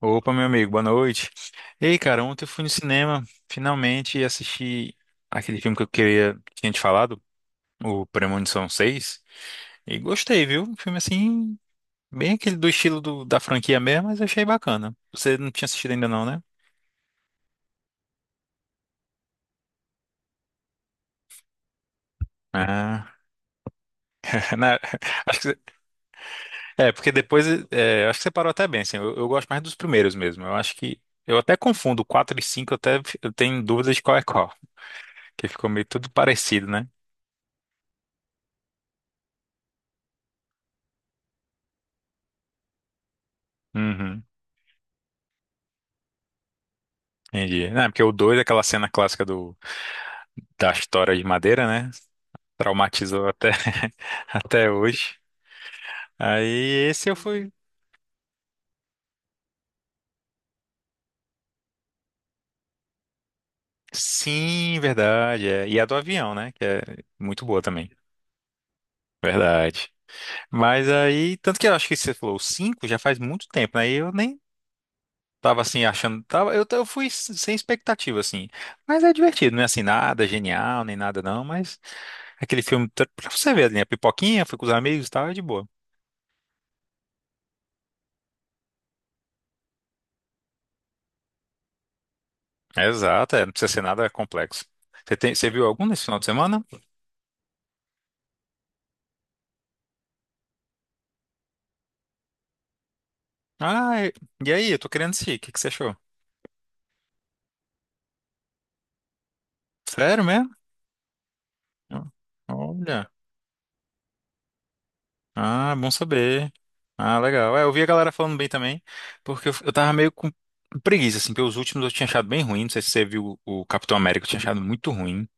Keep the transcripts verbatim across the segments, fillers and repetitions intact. Opa, meu amigo, boa noite. Ei, cara, ontem eu fui no cinema, finalmente, e assisti aquele filme que eu queria, tinha te falado, o Premonição seis e gostei, viu? Um filme assim, bem aquele do estilo do- da franquia mesmo, mas achei bacana. Você não tinha assistido ainda não, né? Ah, na- acho que, é, porque depois, é, acho que você parou até bem, assim, eu, eu gosto mais dos primeiros mesmo, eu acho que, eu até confundo quatro e cinco eu até eu tenho dúvidas de qual é qual, que ficou meio tudo parecido, né? Uhum. Entendi. Não, é porque o dois é aquela cena clássica do, da história de madeira, né? Traumatizou até, até hoje. Aí esse eu fui. Sim, verdade. É. E a do avião, né? Que é muito boa também. Verdade. Mas aí, tanto que eu acho que você falou, o cinco já faz muito tempo, né? E eu nem tava assim achando. Tava, eu, eu fui s- sem expectativa, assim. Mas é divertido, não é assim nada genial, nem nada não. Mas aquele filme, tá- pra você ver, né? A pipoquinha, fui com os amigos e tal, é de boa. Exato, é, não precisa ser nada complexo. Você tem, você viu algum nesse final de semana? Ah, e e aí, eu tô querendo sim o que que você achou? Sério mesmo? Olha, ah, bom saber. Ah, legal. É, eu vi a galera falando bem também, porque eu, eu tava meio com preguiça, assim, porque os últimos eu tinha achado bem ruim, não sei se você viu o, o Capitão América, eu tinha achado muito ruim.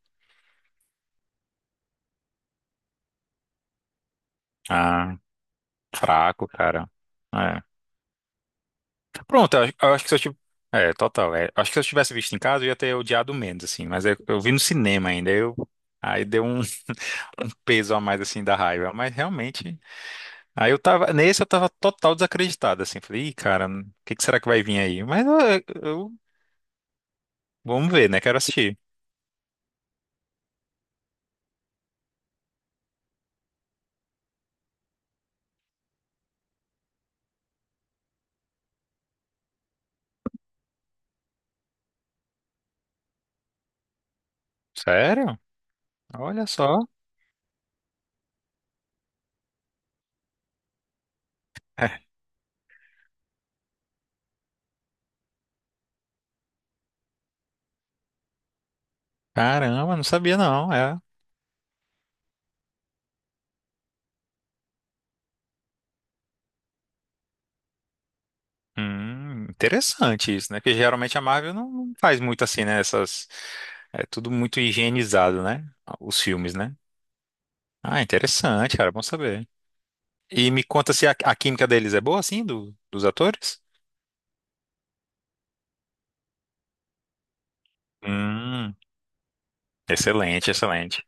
Ah, fraco, cara. É. Pronto, eu, acho eu acho que se eu tivesse... É, total, é. Acho que se eu tivesse visto em casa, eu ia ter odiado menos, assim, mas eu, eu vi no cinema ainda, eu... Aí deu um... um peso a mais assim da raiva, mas realmente, aí eu tava, nesse eu tava total desacreditado assim, falei, Ih, cara, o que que será que vai vir aí? Mas eu, eu- vamos ver, né? Quero assistir. Sério? Olha só. É. Caramba, não sabia não, é. Hum, interessante isso, né? Porque geralmente a Marvel não não faz muito assim, né? Essas, é tudo muito higienizado, né? Os filmes, né? Ah, interessante, cara, bom saber. E me conta se a, a química deles é boa, assim, do- dos atores? Hum, excelente, excelente.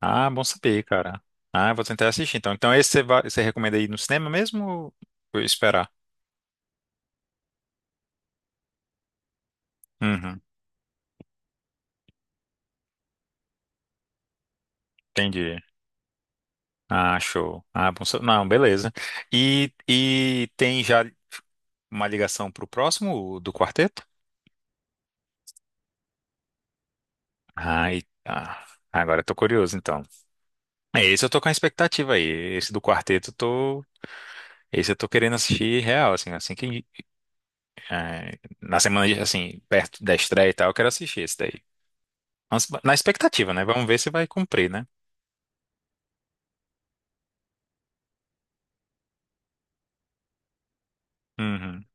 Ah, bom saber, cara. Ah, eu vou tentar assistir, então. Então esse você vai, você recomenda ir no cinema mesmo ou esperar? Uhum, entendi. Ah, show. Ah, bom saber. Não, beleza. E, e tem já uma ligação pro próximo do quarteto? Ai, ah, agora eu tô curioso, então. É, esse eu tô com a expectativa aí. Esse do quarteto eu tô. Esse eu tô querendo assistir real, assim, assim que. É, na semana, de- assim, perto da estreia e tal, eu quero assistir esse daí. Mas, na expectativa, né? Vamos ver se vai cumprir, né? Uhum.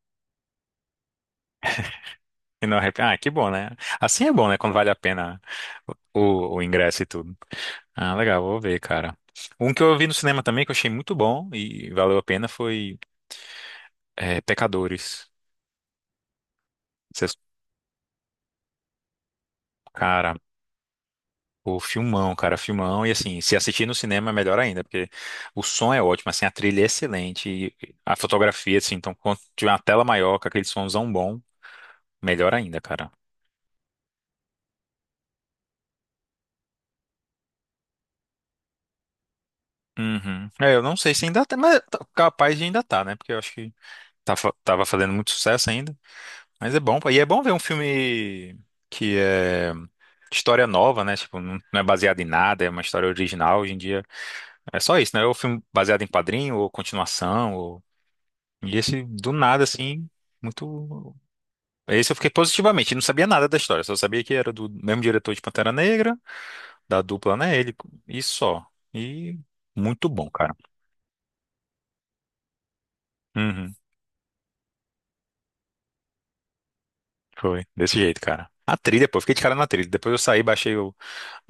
E não arrepe- ah, que bom, né? Assim é bom, né? Quando vale a pena o, o o ingresso e tudo. Ah, legal, vou ver, cara. Um que eu vi no cinema também que eu achei muito bom e valeu a pena foi é, Pecadores. Vocês- Cara, o filmão, cara, filmão. E assim, se assistir no cinema é melhor ainda, porque o som é ótimo, assim, a trilha é excelente, e a fotografia, assim, então quando tiver uma tela maior, com aquele somzão bom, melhor ainda, cara. Uhum. É, eu não sei se ainda tá, mas tá- capaz de ainda tá, né? Porque eu acho que tá fa- tava fazendo muito sucesso ainda. Mas é bom, pô. E é bom ver um filme que é história nova, né? Tipo, não não é baseado em nada, é uma história original. Hoje em dia é só isso, né? Ou filme baseado em quadrinho, ou continuação, ou... E esse, do nada, assim, muito... Esse eu fiquei positivamente, não sabia nada da história, só sabia que era do mesmo diretor de Pantera Negra, da dupla, né? Ele, e só. E muito bom, cara. Uhum, foi, desse jeito, cara. A trilha, pô, eu fiquei de cara na trilha. Depois eu saí, baixei o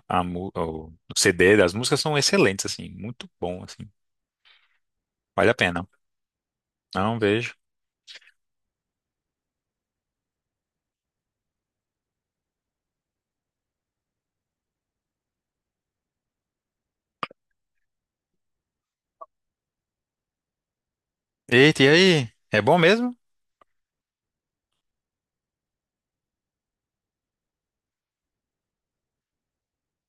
a mu- o o C D, das músicas são excelentes, assim, muito bom, assim, vale a pena. Não vejo. Eita, e aí? É bom mesmo?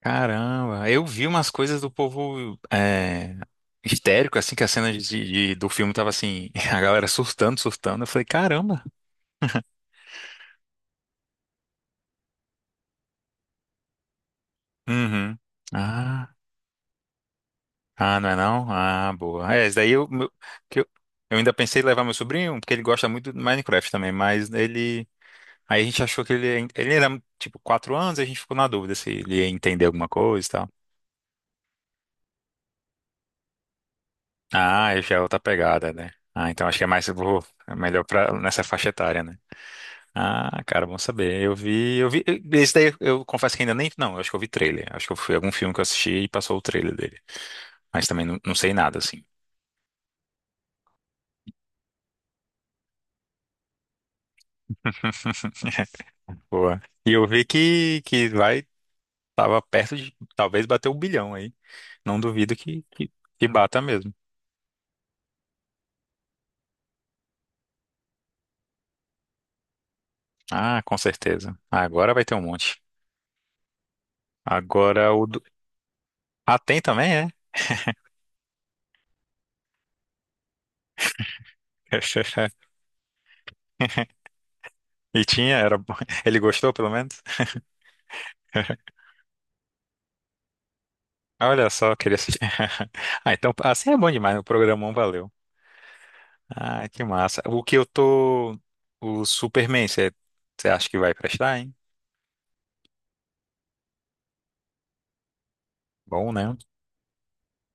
Caramba, eu vi umas coisas do povo é, histérico, assim, que a cena de, de- do filme tava assim, a galera surtando, surtando. Eu falei, caramba. Uhum. Ah, ah, não é não? Ah, boa. É, esse daí eu, meu- que eu, eu ainda pensei em levar meu sobrinho, porque ele gosta muito do Minecraft também, mas ele aí a gente achou que ele, ele era tipo quatro anos, a gente ficou na dúvida se ele ia entender alguma coisa e tal. Ah, aí já é outra pegada, né? Ah, então acho que é mais vou- é melhor pra, nessa faixa etária, né? Ah, cara, bom saber. Eu vi, eu vi. Esse daí eu confesso que ainda nem. Não, eu acho que eu vi trailer. Acho que eu fui algum filme que eu assisti e passou o trailer dele. Mas também não, não sei nada, assim. Boa. E eu vi que, que vai, tava perto de talvez bater o bilhão aí. Não duvido que, que, que bata mesmo. Ah, com certeza. Agora vai ter um monte. Agora o do... Ah, tem também, é? E tinha, era bom. Ele gostou, pelo menos? Olha só, queria assistir. Ah, então, assim é bom demais, né? O programão valeu. Ah, que massa. O que eu tô... O Superman, você você acha que vai prestar, hein? Bom, né?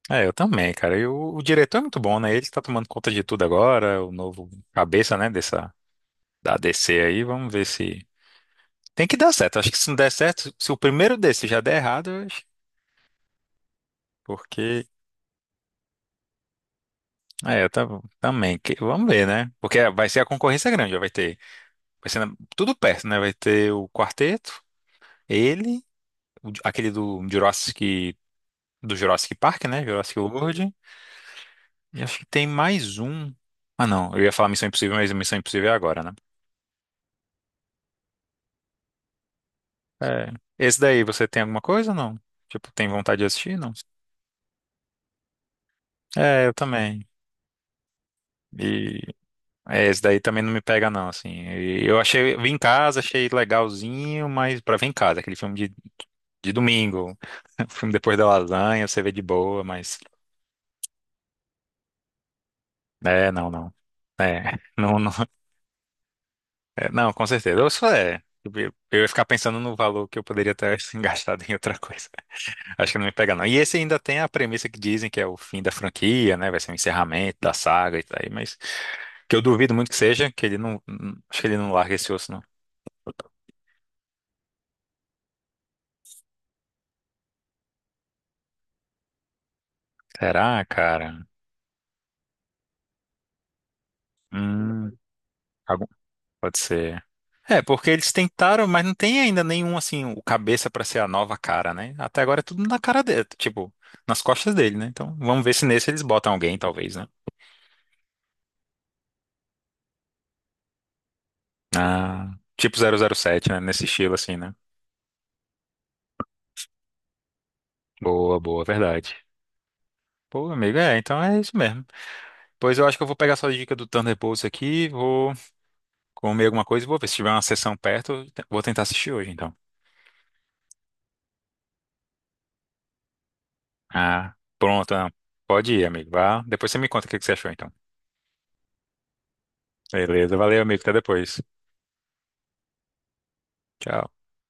É, eu também, cara. E o, o diretor é muito bom, né? Ele tá tomando conta de tudo agora, o novo cabeça, né, dessa... da D C aí. Vamos ver se... Tem que dar certo. Acho que se não der certo, se o primeiro desse já der errado, Porque. É, tá, também. Que- vamos ver, né? Porque vai ser a concorrência grande, já vai ter. Vai ser na- tudo perto, né? Vai ter o quarteto, ele, o de- aquele do Jurassic, do Jurassic Park, né? Jurassic World. E acho que tem mais um. Ah, não. Eu ia falar Missão Impossível, mas Missão Impossível é agora, né? É. Esse daí, você tem alguma coisa ou não? Tipo, tem vontade de assistir? Não. É, eu também. E é, esse daí também não me pega, não, assim. E eu achei, vi em casa, achei legalzinho, mas pra ver em casa, aquele filme de de domingo. O filme depois da lasanha, você vê de boa, mas. É, não, não. É, não, não, é, não, com certeza. Eu só é. Eu eu ia ficar pensando no valor que eu poderia ter gastado em outra coisa. Acho que não me pega, não. E esse ainda tem a premissa que dizem que é o fim da franquia, né? Vai ser o encerramento da saga e tal, mas que eu duvido muito que seja, que ele não. Acho que ele não larga esse osso, não. Será, cara? Hum, algum- Pode ser. É, porque eles tentaram, mas não tem ainda nenhum, assim, o cabeça pra ser a nova cara, né? Até agora é tudo na cara dele, tipo, nas costas dele, né? Então, vamos ver se nesse eles botam alguém, talvez, né? Ah, tipo zero zero sete, né? Nesse estilo, assim, né? Boa, boa, verdade. Pô, amigo, é, então é isso mesmo. Pois eu acho que eu vou pegar sua dica do Thunderbolts aqui, vou comer alguma coisa e vou ver se tiver uma sessão perto, eu te- vou tentar assistir hoje, então. Ah, pronto, não. Pode ir, amigo, vá. Depois você me conta o que que você achou, então. Beleza, valeu, amigo, até depois. Tchau.